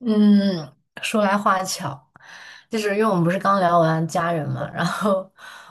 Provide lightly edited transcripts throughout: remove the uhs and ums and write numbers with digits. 嗯，说来话巧，就是因为我们不是刚聊完家人嘛，然后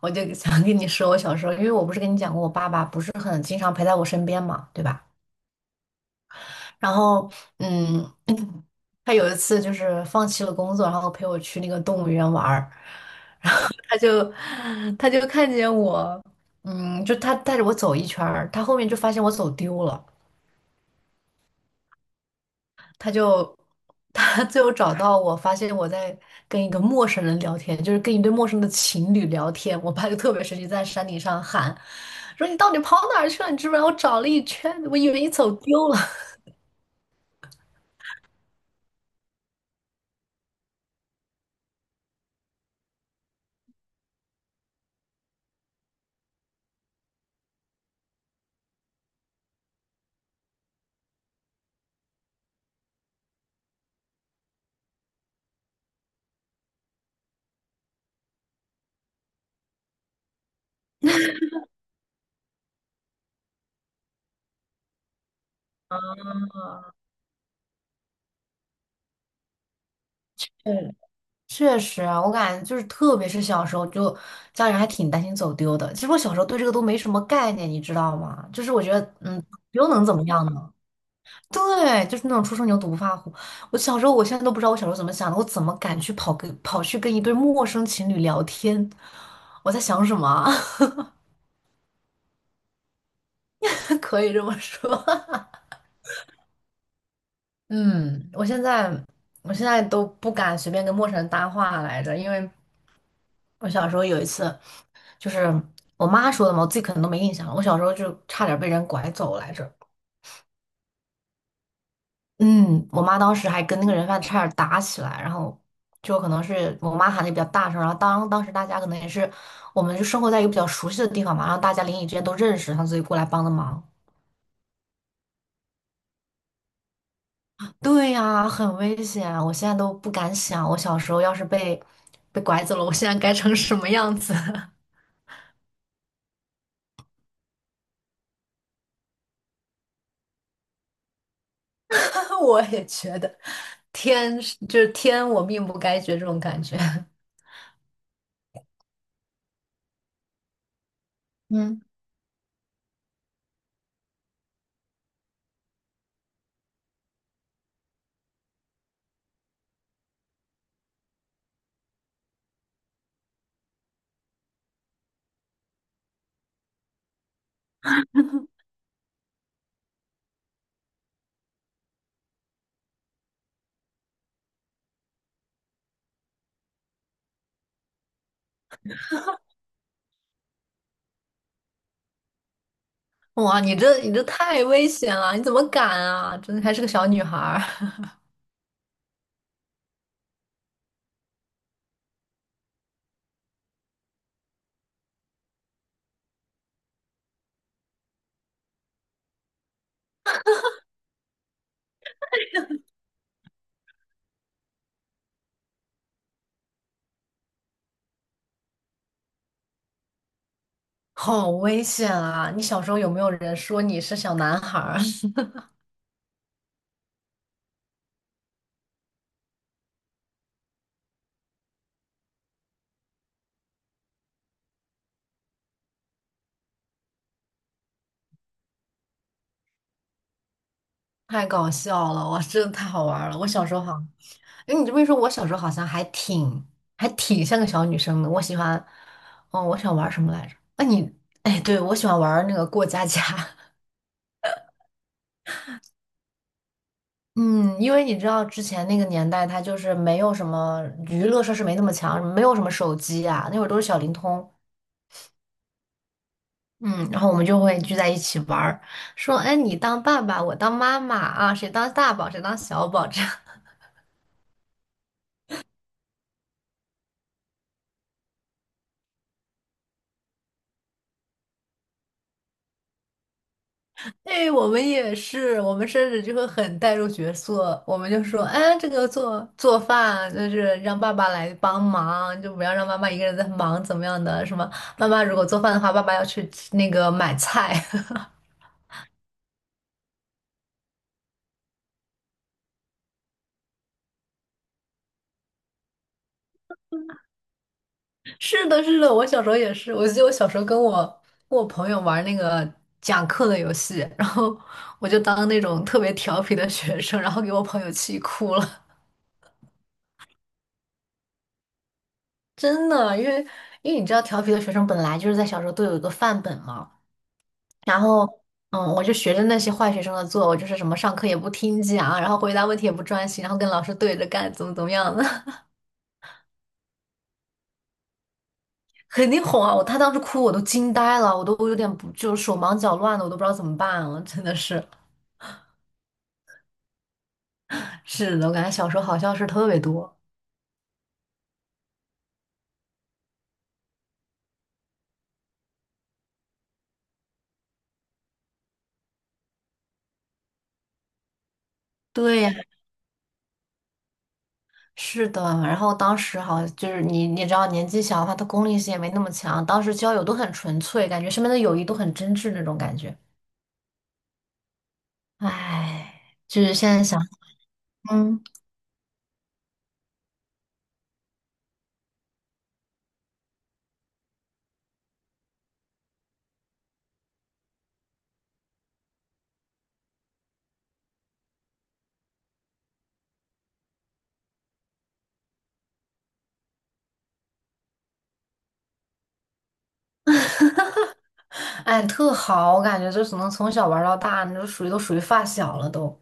我就想跟你说，我小时候，因为我不是跟你讲过，我爸爸不是很经常陪在我身边嘛，对吧？然后，嗯，他有一次就是放弃了工作，然后陪我去那个动物园玩儿。他就他就看见我，嗯，就他带着我走一圈儿，他后面就发现我走丢了。他就他最后找到我，发现我在跟一个陌生人聊天，就是跟一对陌生的情侣聊天。我爸就特别生气，在山顶上喊说：“你到底跑哪儿去了？你知不知道？我找了一圈，我以为你走丢了。嗯，确实啊，我感觉就是，特别是小时候，就家人还挺担心走丢的。其实我小时候对这个都没什么概念，你知道吗？就是我觉得，嗯，又能怎么样呢？对，就是那种初生牛犊不怕虎。我小时候，我现在都不知道我小时候怎么想的，我怎么敢去跑去跟一对陌生情侣聊天？我在想什么啊？可以这么说。嗯，我现在都不敢随便跟陌生人搭话来着。因为我小时候有一次，就是我妈说的嘛，我自己可能都没印象了。我小时候就差点被人拐走来着。嗯，我妈当时还跟那个人贩子差点打起来，然后就可能是我妈喊的比较大声，然后当时大家可能也是我们就生活在一个比较熟悉的地方嘛，然后大家邻里之间都认识，然后所以过来帮的忙。对呀，很危险，我现在都不敢想，我小时候要是被拐走了，我现在该成什么样子？我也觉得就是天，我命不该绝这种感觉。嗯。哇，你这太危险了，你怎么敢啊？真的还是个小女孩儿。好危险啊！你小时候有没有人说你是小男孩儿？太搞笑了，哇，真的太好玩儿了。我小时候好，哎，你这么一说，我小时候好像还挺像个小女生的。我喜欢，哦，我喜欢玩儿什么来着？那你，哎，对，我喜欢玩儿那个过家家。嗯，因为你知道之前那个年代，它就是没有什么娱乐设施，没那么强，没有什么手机啊，那会儿都是小灵通。嗯，然后我们就会聚在一起玩儿，说，哎，你当爸爸，我当妈妈啊，谁当大宝，谁当小宝，这样。哎，我们也是，我们甚至就会很带入角色，我们就说，哎，这个做做饭就是让爸爸来帮忙，就不要让妈妈一个人在忙，怎么样的，什么，妈妈如果做饭的话，爸爸要去那个买菜。是的，是的，我小时候也是。我记得我小时候跟我朋友玩那个讲课的游戏，然后我就当那种特别调皮的学生，然后给我朋友气哭了。真的，因为你知道，调皮的学生本来就是在小时候都有一个范本嘛。然后，嗯，我就学着那些坏学生的做，我就是什么上课也不听讲，然后回答问题也不专心，然后跟老师对着干，怎么怎么样的。肯定哄啊！他当时哭，我都惊呆了，我都有点不就手忙脚乱的，我都不知道怎么办了，真的是。是的，我感觉小时候好像是特别多。对呀，是的。然后当时好就是你，你也知道年纪小的话，他功利性也没那么强。当时交友都很纯粹，感觉身边的友谊都很真挚那种感觉。唉，就是现在想，嗯。哎，特好，我感觉就只能从小玩到大，那就属于都属于发小了都。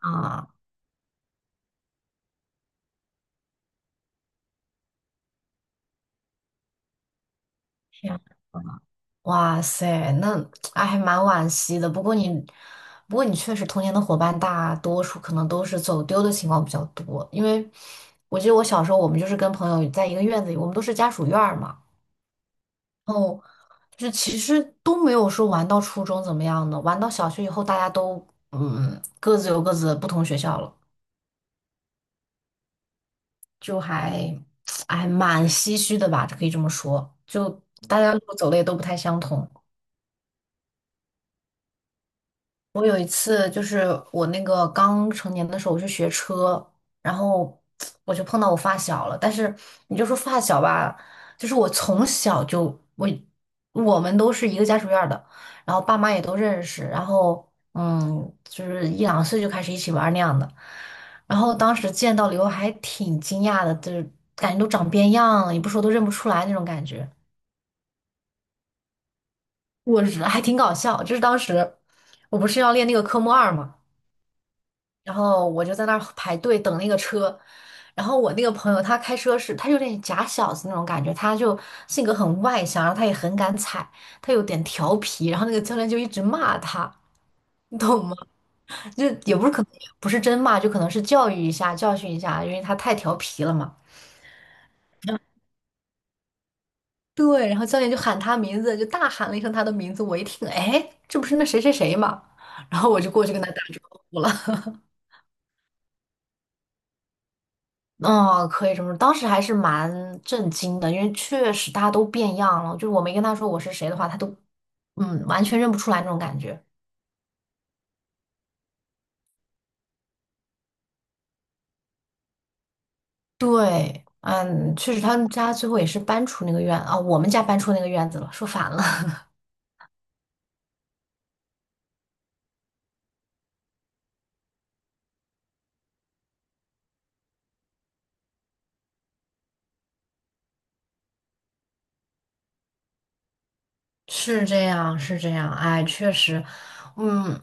啊，天啊，哇塞，那哎还蛮惋惜的。不过你，不过你确实童年的伙伴大多数可能都是走丢的情况比较多，因为我记得我小时候我们就是跟朋友在一个院子里，我们都是家属院儿嘛，然后就是其实都没有说玩到初中怎么样的，玩到小学以后大家都各自有各自的不同学校了，就还 哎蛮唏嘘的吧，可以这么说，就大家路走的也都不太相同。我有一次就是我那个刚成年的时候，我去学车，然后我就碰到我发小了。但是你就说发小吧，就是我从小就我们都是一个家属院儿的，然后爸妈也都认识，然后就是一两岁就开始一起玩儿那样的。然后当时见到了以后还挺惊讶的，就是感觉都长变样了，也不说都认不出来那种感觉。我日，还挺搞笑，就是当时我不是要练那个科目二嘛。然后我就在那儿排队等那个车，然后我那个朋友他开车是，他有点假小子那种感觉，他就性格很外向，然后他也很敢踩，他有点调皮，然后那个教练就一直骂他，你懂吗？就也不是可能不是真骂，就可能是教育一下，教训一下，因为他太调皮了嘛。对，然后教练就喊他名字，就大喊了一声他的名字，我一听，哎，这不是那谁谁谁嘛。然后我就过去跟他打招呼了。嗯，可以这么说。当时还是蛮震惊的，因为确实大家都变样了。就是我没跟他说我是谁的话，他都完全认不出来那种感觉。对，嗯，确实他们家最后也是搬出那个院啊，我们家搬出那个院子了，说反了。是这样，是这样，哎，确实，嗯，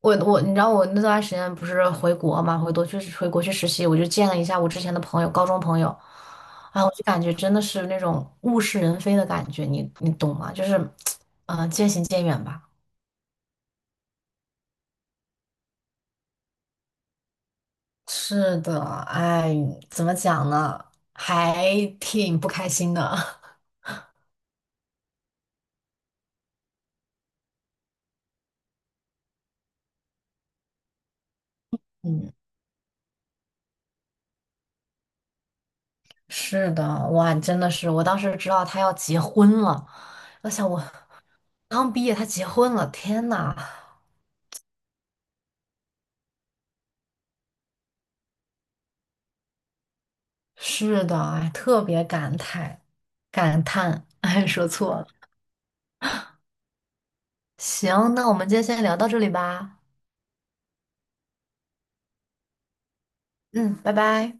我你知道我那段时间不是回国嘛，回国去实习，我就见了一下我之前的朋友，高中朋友，啊，我就感觉真的是那种物是人非的感觉，你懂吗？就是，嗯，渐行渐远吧。是的，哎，怎么讲呢？还挺不开心的。嗯，是的，哇，真的是，我当时知道他要结婚了，我想我刚毕业他结婚了，天呐！是的，哎，特别感慨，感叹，哎，说错了。行，那我们今天先聊到这里吧。嗯，拜拜。